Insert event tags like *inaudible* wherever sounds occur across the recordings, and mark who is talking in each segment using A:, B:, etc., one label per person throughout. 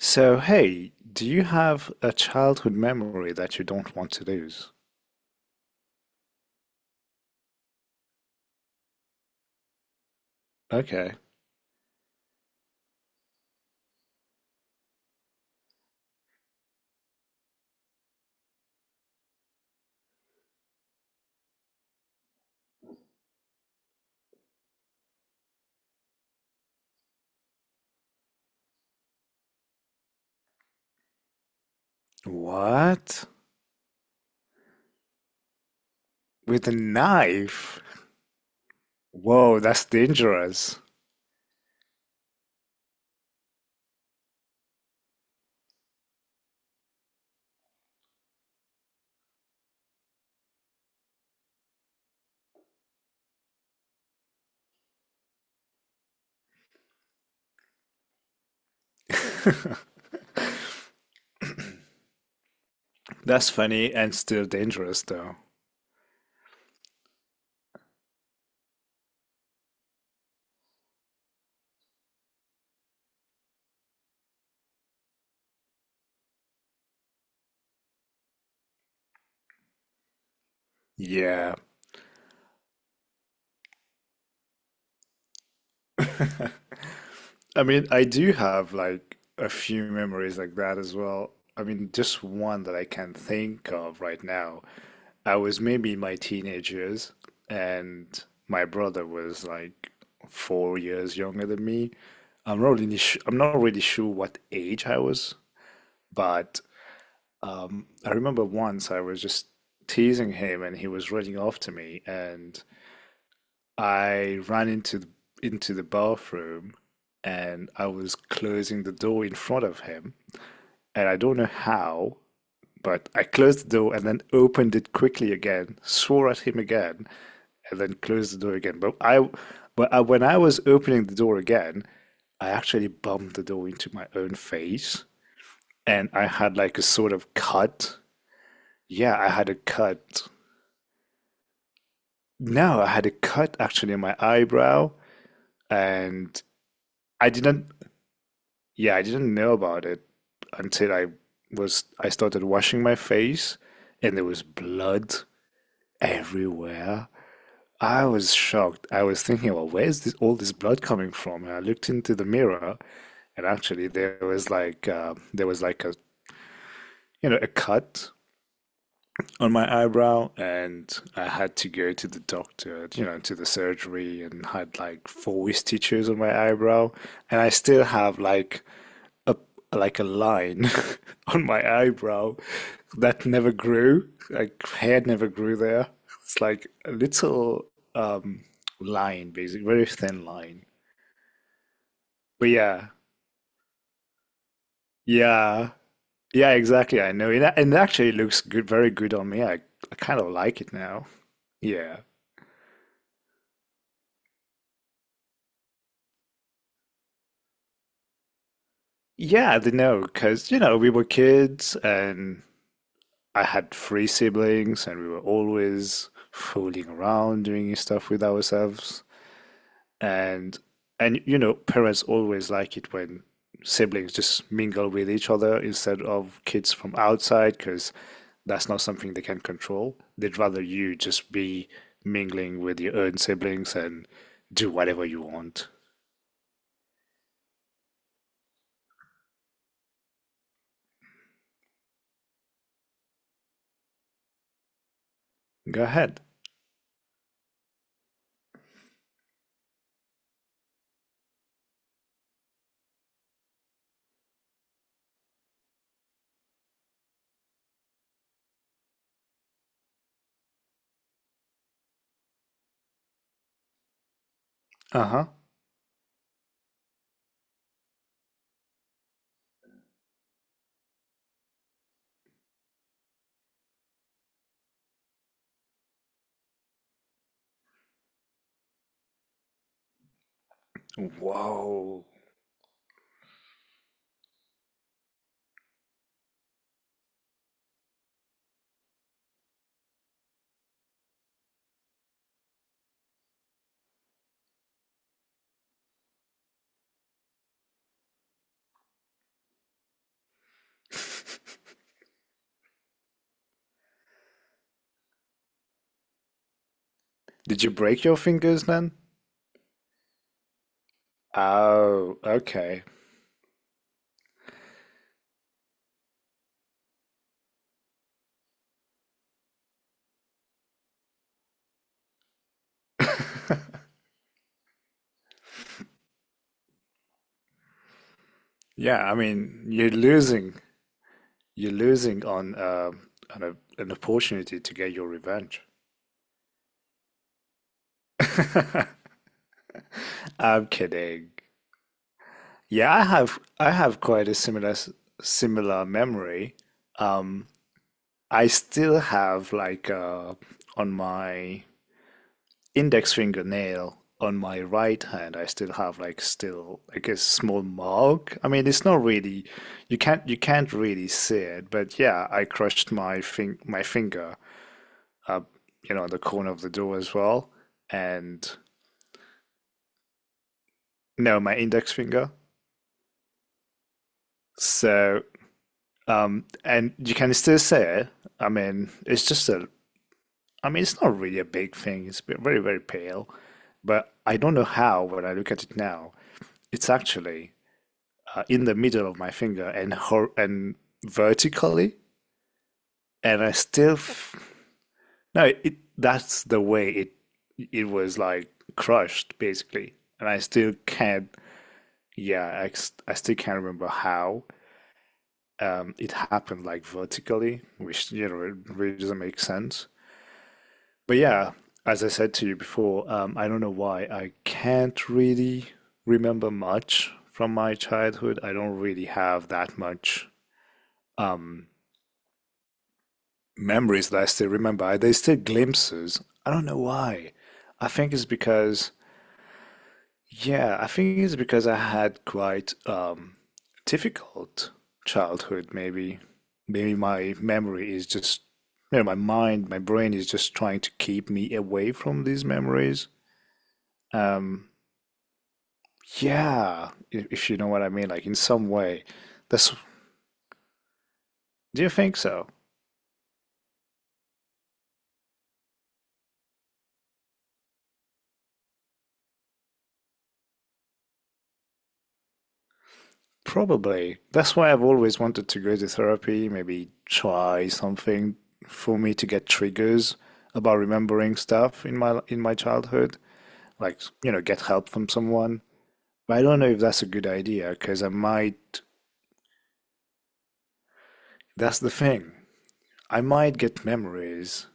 A: So, hey, do you have a childhood memory that you don't want to lose? Okay. What? With a knife? Whoa, that's dangerous. *laughs* That's funny and still dangerous, though. Yeah. I mean, I do have like a few memories like that as well. I mean, just one that I can think of right now. I was maybe in my teenage years, and my brother was like 4 years younger than me. I'm not really sure what age I was, but I remember once I was just teasing him, and he was running after me, and I ran into the bathroom and I was closing the door in front of him. And I don't know how, but I closed the door and then opened it quickly again, swore at him again, and then closed the door again. When I was opening the door again, I actually bumped the door into my own face and I had like a sort of cut. Yeah, I had a cut. No, I had a cut actually in my eyebrow and I didn't yeah, I didn't know about it until I started washing my face and there was blood everywhere. I was shocked. I was thinking, well, where's this all this blood coming from? And I looked into the mirror and actually there was like a, you know, a cut on my eyebrow and I had to go to the doctor, you know, to the surgery and had like four stitches on my eyebrow and I still have like a, like a line *laughs* on my eyebrow that never grew. Like hair never grew there. It's like a little um line, basically, very thin line. But yeah, yeah, yeah, exactly. I know, and it actually looks good, very good on me. I kind of like it now. Yeah, yeah, I don't know, because you know we were kids and I had three siblings and we were always fooling around doing stuff with ourselves. and and you know parents always like it when siblings just mingle with each other instead of kids from outside because that's not something they can control. They'd rather you just be mingling with your own siblings and do whatever you want. Go ahead. Uh-huh. Whoa. *laughs* Did you break your fingers then? Oh, okay. Yeah, I mean, you're losing. You're losing on an opportunity to get your revenge. *laughs* I'm kidding. Yeah, I have quite a similar memory. Um, I still have like on my index fingernail on my right hand, I still have like still like a small mark. I mean, it's not really, you can't really see it, but yeah, I crushed my fing my finger up, you know, on the corner of the door as well, and no, my index finger. So um, and you can still see it. I mean, it's just a, I mean, it's not really a big thing. It's very, very pale. But I don't know how, when I look at it now, it's actually in the middle of my finger and vertically. And I still, f no, that's the way it was like crushed basically. And I still can't, yeah, I still can't remember how it happened like vertically, which, you know, it really doesn't make sense. But yeah, as I said to you before, I don't know why. I can't really remember much from my childhood. I don't really have that much um, memories that I still remember. There's still glimpses. I don't know why. I think it's because, yeah, I think it's because I had quite difficult childhood, maybe. Maybe my memory is just, you know, my brain is just trying to keep me away from these memories. Um, Yeah, if you know what I mean, like in some way. That's, do you think so? Probably. That's why I've always wanted to go to therapy, maybe try something for me to get triggers about remembering stuff in my childhood, like, you know, get help from someone. But I don't know if that's a good idea because that's the thing. I might get memories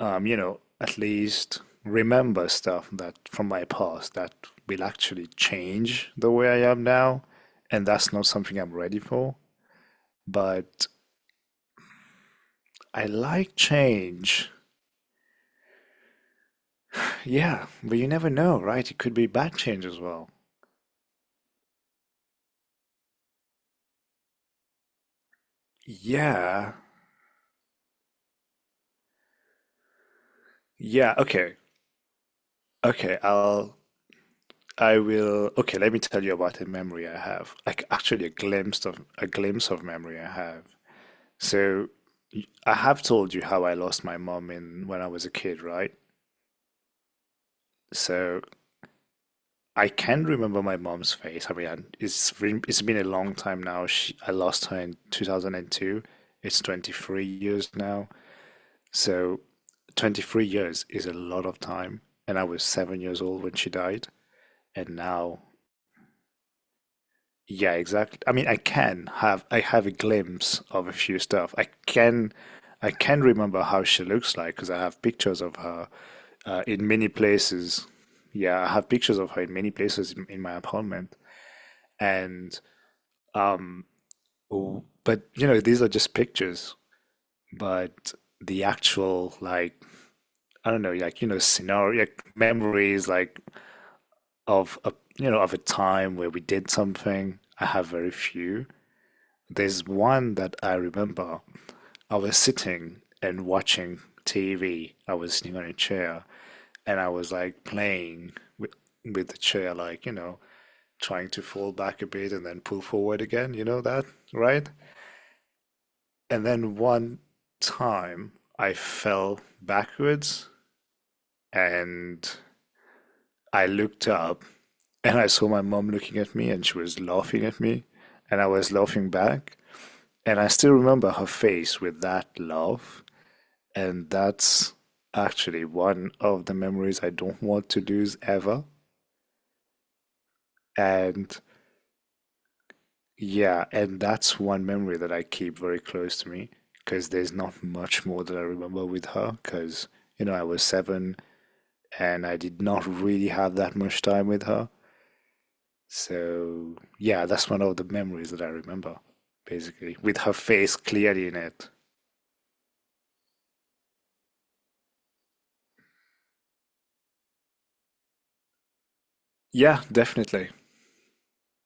A: you know, at least remember stuff that from my past that will actually change the way I am now. And that's not something I'm ready for. But I like change. Yeah, but you never know, right? It could be bad change as well. Yeah. Yeah, okay. Okay, I'll I will okay, let me tell you about a memory I have. Like actually a glimpse of memory I have. So I have told you how I lost my mom in when I was a kid, right? So I can remember my mom's face. It's been a long time now. I lost her in 2002. It's 23 years now. So 23 years is a lot of time, and I was seven years old when she died, and now yeah, exactly. I mean, I have a glimpse of a few stuff. I can remember how she looks like because I have pictures of her in many places. Yeah, I have pictures of her in many places in my apartment. And oh, but you know, these are just pictures. But the actual like I don't know, like you know, scenario, like memories, like of a, you know, of a time where we did something. I have very few. There's one that I remember I was sitting and watching TV. I was sitting on a chair and I was like playing with with the chair, like, you know, trying to fall back a bit and then pull forward again, you know that, right? And then one time I fell backwards and I looked up and I saw my mom looking at me and she was laughing at me and I was laughing back. And I still remember her face with that laugh. And that's actually one of the memories I don't want to lose ever. And yeah, and that's one memory that I keep very close to me because there's not much more that I remember with her because, you know, I was seven and I did not really have that much time with her. So yeah, that's one of the memories that I remember, basically, with her face clearly in it. Yeah, definitely.